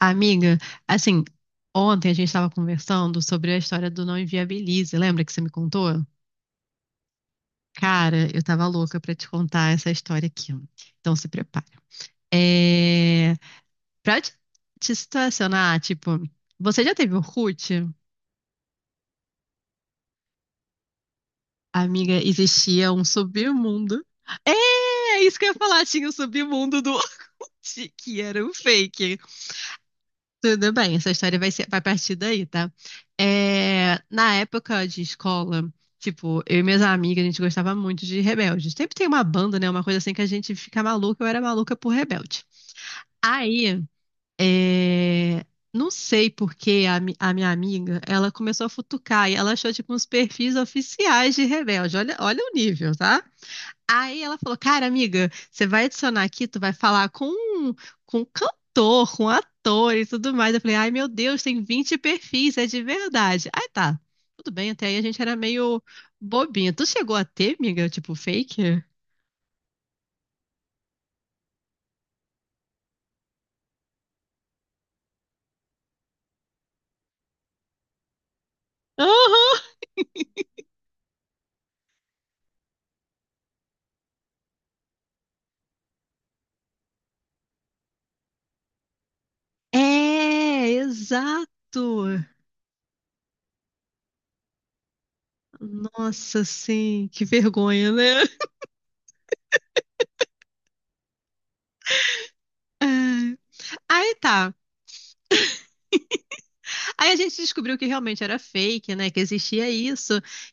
Amiga, assim, ontem a gente estava conversando sobre a história do Não Inviabilize. Lembra que você me contou? Cara, eu tava louca pra te contar essa história aqui. Então se prepara. É... Pra te situacionar, tipo, você já teve Orkut? Amiga, existia um submundo. É isso que eu ia falar, tinha o submundo do Orkut, que era um fake. Tudo bem, essa história vai partir daí, tá? É, na época de escola, tipo, eu e minhas amigas, a gente gostava muito de Rebelde. Sempre tem uma banda, né? Uma coisa assim que a gente fica maluca, eu era maluca por Rebelde. Aí, é, não sei por que a minha amiga, ela começou a futucar e ela achou, tipo, uns perfis oficiais de Rebelde. Olha, olha o nível, tá? Aí ela falou, cara, amiga, você vai adicionar aqui, tu vai falar com um cantor, com um ator e tudo mais. Eu falei, ai meu Deus, tem 20 perfis, é de verdade. Aí tá, tudo bem, até aí a gente era meio bobinha. Tu chegou a ter, amiga, tipo fake? Aham. É, exato. Nossa, sim, que vergonha, né? É. Aí tá. Aí a gente descobriu que realmente era fake, né? Que existia isso.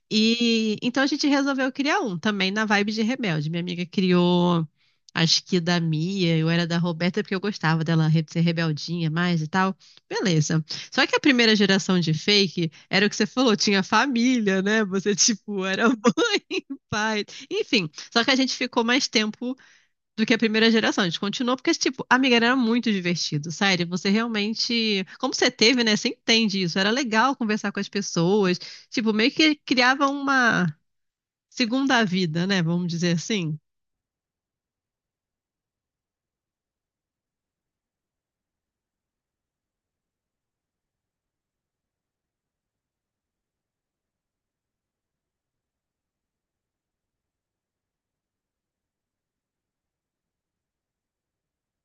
E então a gente resolveu criar um também na vibe de Rebelde. Minha amiga criou, acho que da Mia, eu era da Roberta porque eu gostava dela ser rebeldinha mais e tal. Beleza. Só que a primeira geração de fake era o que você falou, tinha família, né? Você tipo era mãe, pai, enfim. Só que a gente ficou mais tempo do que a primeira geração. A gente continuou porque, tipo, amiga, era muito divertido, sério. Você realmente, como você teve, né? Você entende isso. Era legal conversar com as pessoas. Tipo, meio que criava uma segunda vida, né? Vamos dizer assim.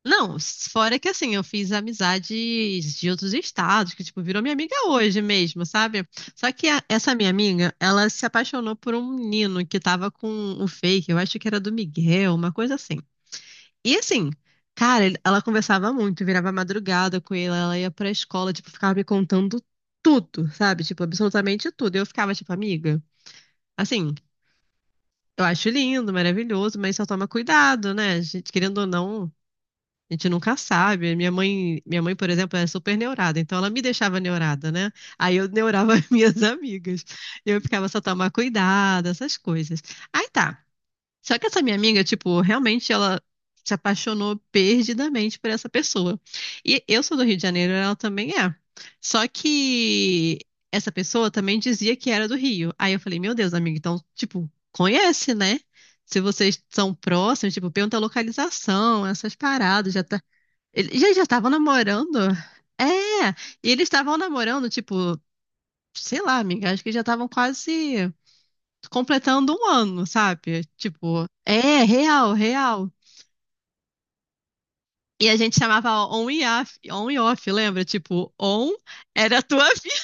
Não, fora que assim, eu fiz amizades de outros estados, que tipo, virou minha amiga hoje mesmo, sabe? Só que essa minha amiga, ela se apaixonou por um menino que tava com o fake, eu acho que era do Miguel, uma coisa assim. E assim, cara, ela conversava muito, virava madrugada com ele, ela ia pra escola, tipo, ficava me contando tudo, sabe? Tipo, absolutamente tudo. Eu ficava, tipo, amiga, assim, eu acho lindo, maravilhoso, mas só toma cuidado, né? A gente, querendo ou não, a gente nunca sabe. Minha mãe, por exemplo, é super neurada, então ela me deixava neurada, né? Aí eu neurava as minhas amigas. Eu ficava só tomar cuidado, essas coisas. Aí tá. Só que essa minha amiga, tipo, realmente ela se apaixonou perdidamente por essa pessoa. E eu sou do Rio de Janeiro, ela também é. Só que essa pessoa também dizia que era do Rio. Aí eu falei, meu Deus, amiga, então, tipo, conhece, né? Se vocês são próximos, tipo, pergunta a localização, essas paradas, já tá. Eles já já estavam namorando? É! E eles estavam namorando, tipo, sei lá, amiga, acho que já estavam quase completando um ano, sabe? Tipo, é real, real. E a gente chamava on e off, lembra? Tipo, on era a tua vida.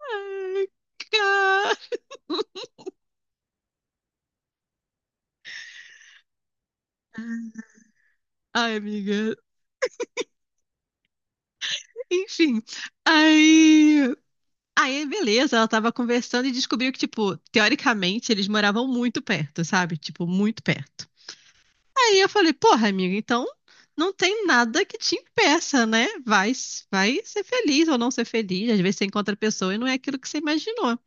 Ai, ca- Ai, amiga. Enfim. Aí. Aí, beleza, ela tava conversando e descobriu que, tipo, teoricamente eles moravam muito perto, sabe? Tipo, muito perto. Aí eu falei, porra, amiga, então não tem nada que te impeça, né? Vai, vai ser feliz ou não ser feliz. Às vezes você encontra a pessoa e não é aquilo que você imaginou.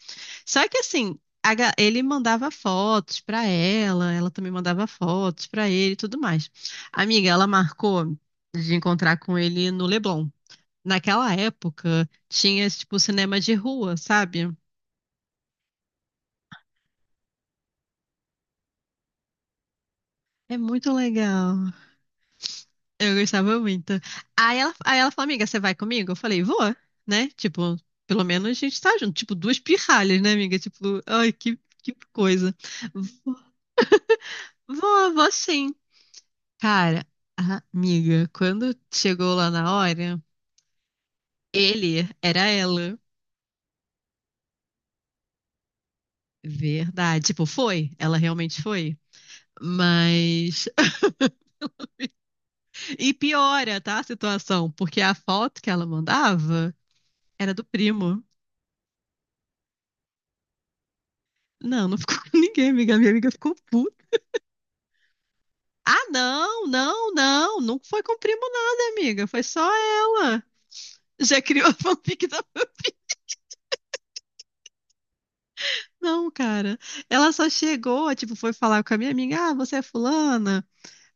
Só que assim, ele mandava fotos pra ela, ela também mandava fotos pra ele e tudo mais. Amiga, ela marcou de encontrar com ele no Leblon. Naquela época, tinha esse tipo cinema de rua, sabe? É muito legal. Eu gostava muito. Aí ela falou, amiga, você vai comigo? Eu falei, vou, né? Tipo, pelo menos a gente tá junto. Tipo, duas pirralhas, né, amiga? Tipo, ai, que coisa. Vou, vou sim. Cara, amiga, quando chegou lá na hora, ele era ela. Verdade. Tipo, foi. Ela realmente foi. Mas. E piora, tá, a situação, porque a foto que ela mandava era do primo. Não, não ficou com ninguém, amiga. Minha amiga ficou puta. Ah, não. Não foi com o primo, nada, amiga. Foi só ela. Já criou a fanfic da. Não, cara. Ela só chegou, tipo, foi falar com a minha amiga: Ah, você é fulana?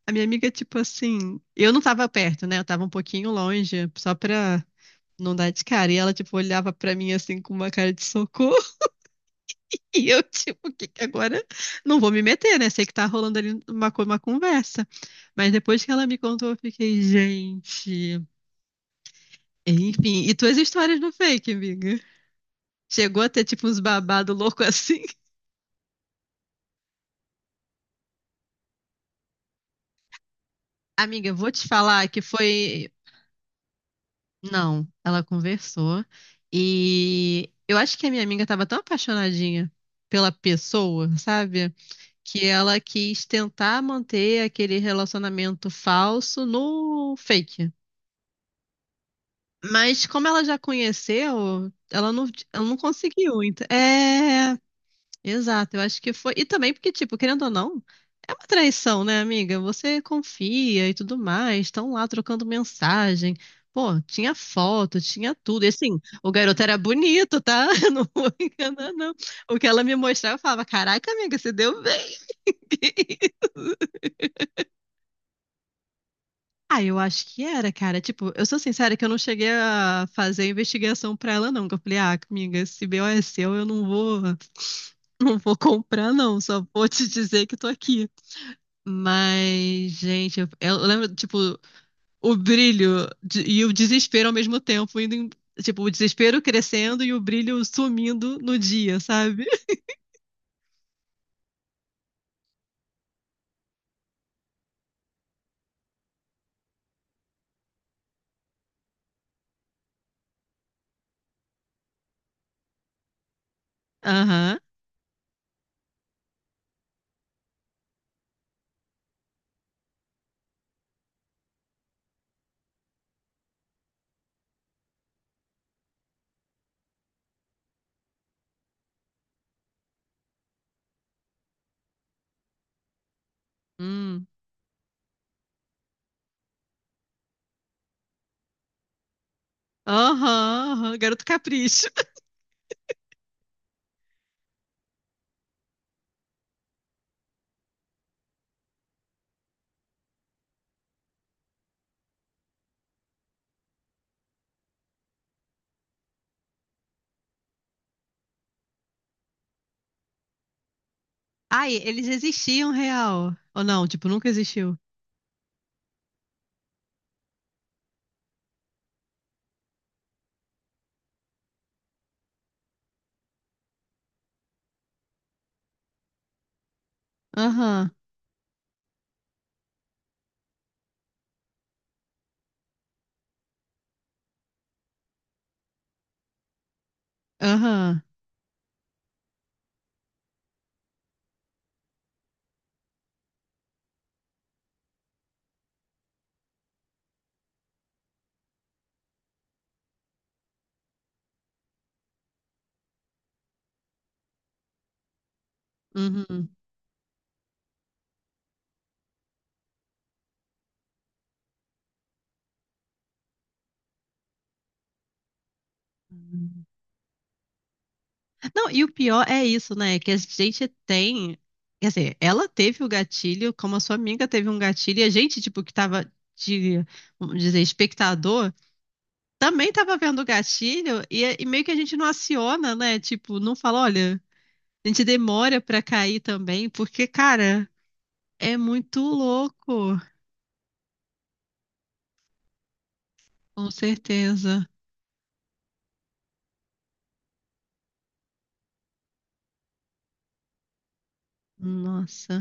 A minha amiga, tipo assim, eu não tava perto, né? Eu tava um pouquinho longe, só pra não dar de cara. E ela, tipo, olhava pra mim assim com uma cara de socorro. E eu, tipo, o que que agora? Não vou me meter, né? Sei que tá rolando ali uma conversa. Mas depois que ela me contou, eu fiquei, gente. Enfim, e tuas histórias no fake, amiga? Chegou a ter, tipo, uns babado louco assim? Amiga, eu vou te falar que foi. Não, ela conversou e eu acho que a minha amiga estava tão apaixonadinha pela pessoa, sabe? Que ela quis tentar manter aquele relacionamento falso no fake. Mas como ela já conheceu, ela não conseguiu. Então, é. Exato, eu acho que foi. E também porque, tipo, querendo ou não, é uma traição, né, amiga? Você confia e tudo mais, estão lá trocando mensagem. Pô, tinha foto, tinha tudo. E assim, o garoto era bonito, tá? Não vou enganar, não. O que ela me mostrava, eu falava: Caraca, amiga, você deu bem. Ah, eu acho que era, cara. Tipo, eu sou sincera que eu não cheguei a fazer a investigação pra ela, não. Que eu falei: Ah, amiga, esse BO é seu, eu não vou. Não vou comprar, não. Só vou te dizer que tô aqui. Mas, gente, eu lembro, tipo, o brilho e o desespero ao mesmo tempo, tipo, o desespero crescendo e o brilho sumindo no dia, sabe? Aham. Hum. Aham. Garoto Capricho. Ai, eles existiam real. Ou não, tipo, nunca existiu. Aham, aham. Uhum. Não, e o pior é isso, né? Que a gente tem. Quer dizer, ela teve o gatilho, como a sua amiga teve um gatilho, e a gente, tipo, que tava de, vamos dizer, espectador, também tava vendo o gatilho, e meio que a gente não aciona, né? Tipo, não fala, olha, a gente demora pra cair também, porque, cara, é muito louco, com certeza. Nossa.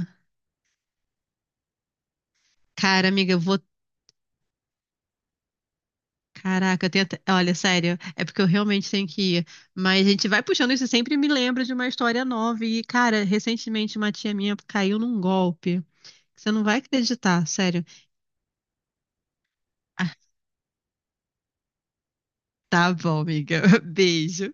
Cara, amiga, eu vou Caraca, Olha, sério, é porque eu realmente tenho que ir. Mas a gente vai puxando isso e sempre me lembra de uma história nova. E, cara, recentemente uma tia minha caiu num golpe. Você não vai acreditar, sério. Ah, tá bom, amiga. Beijo.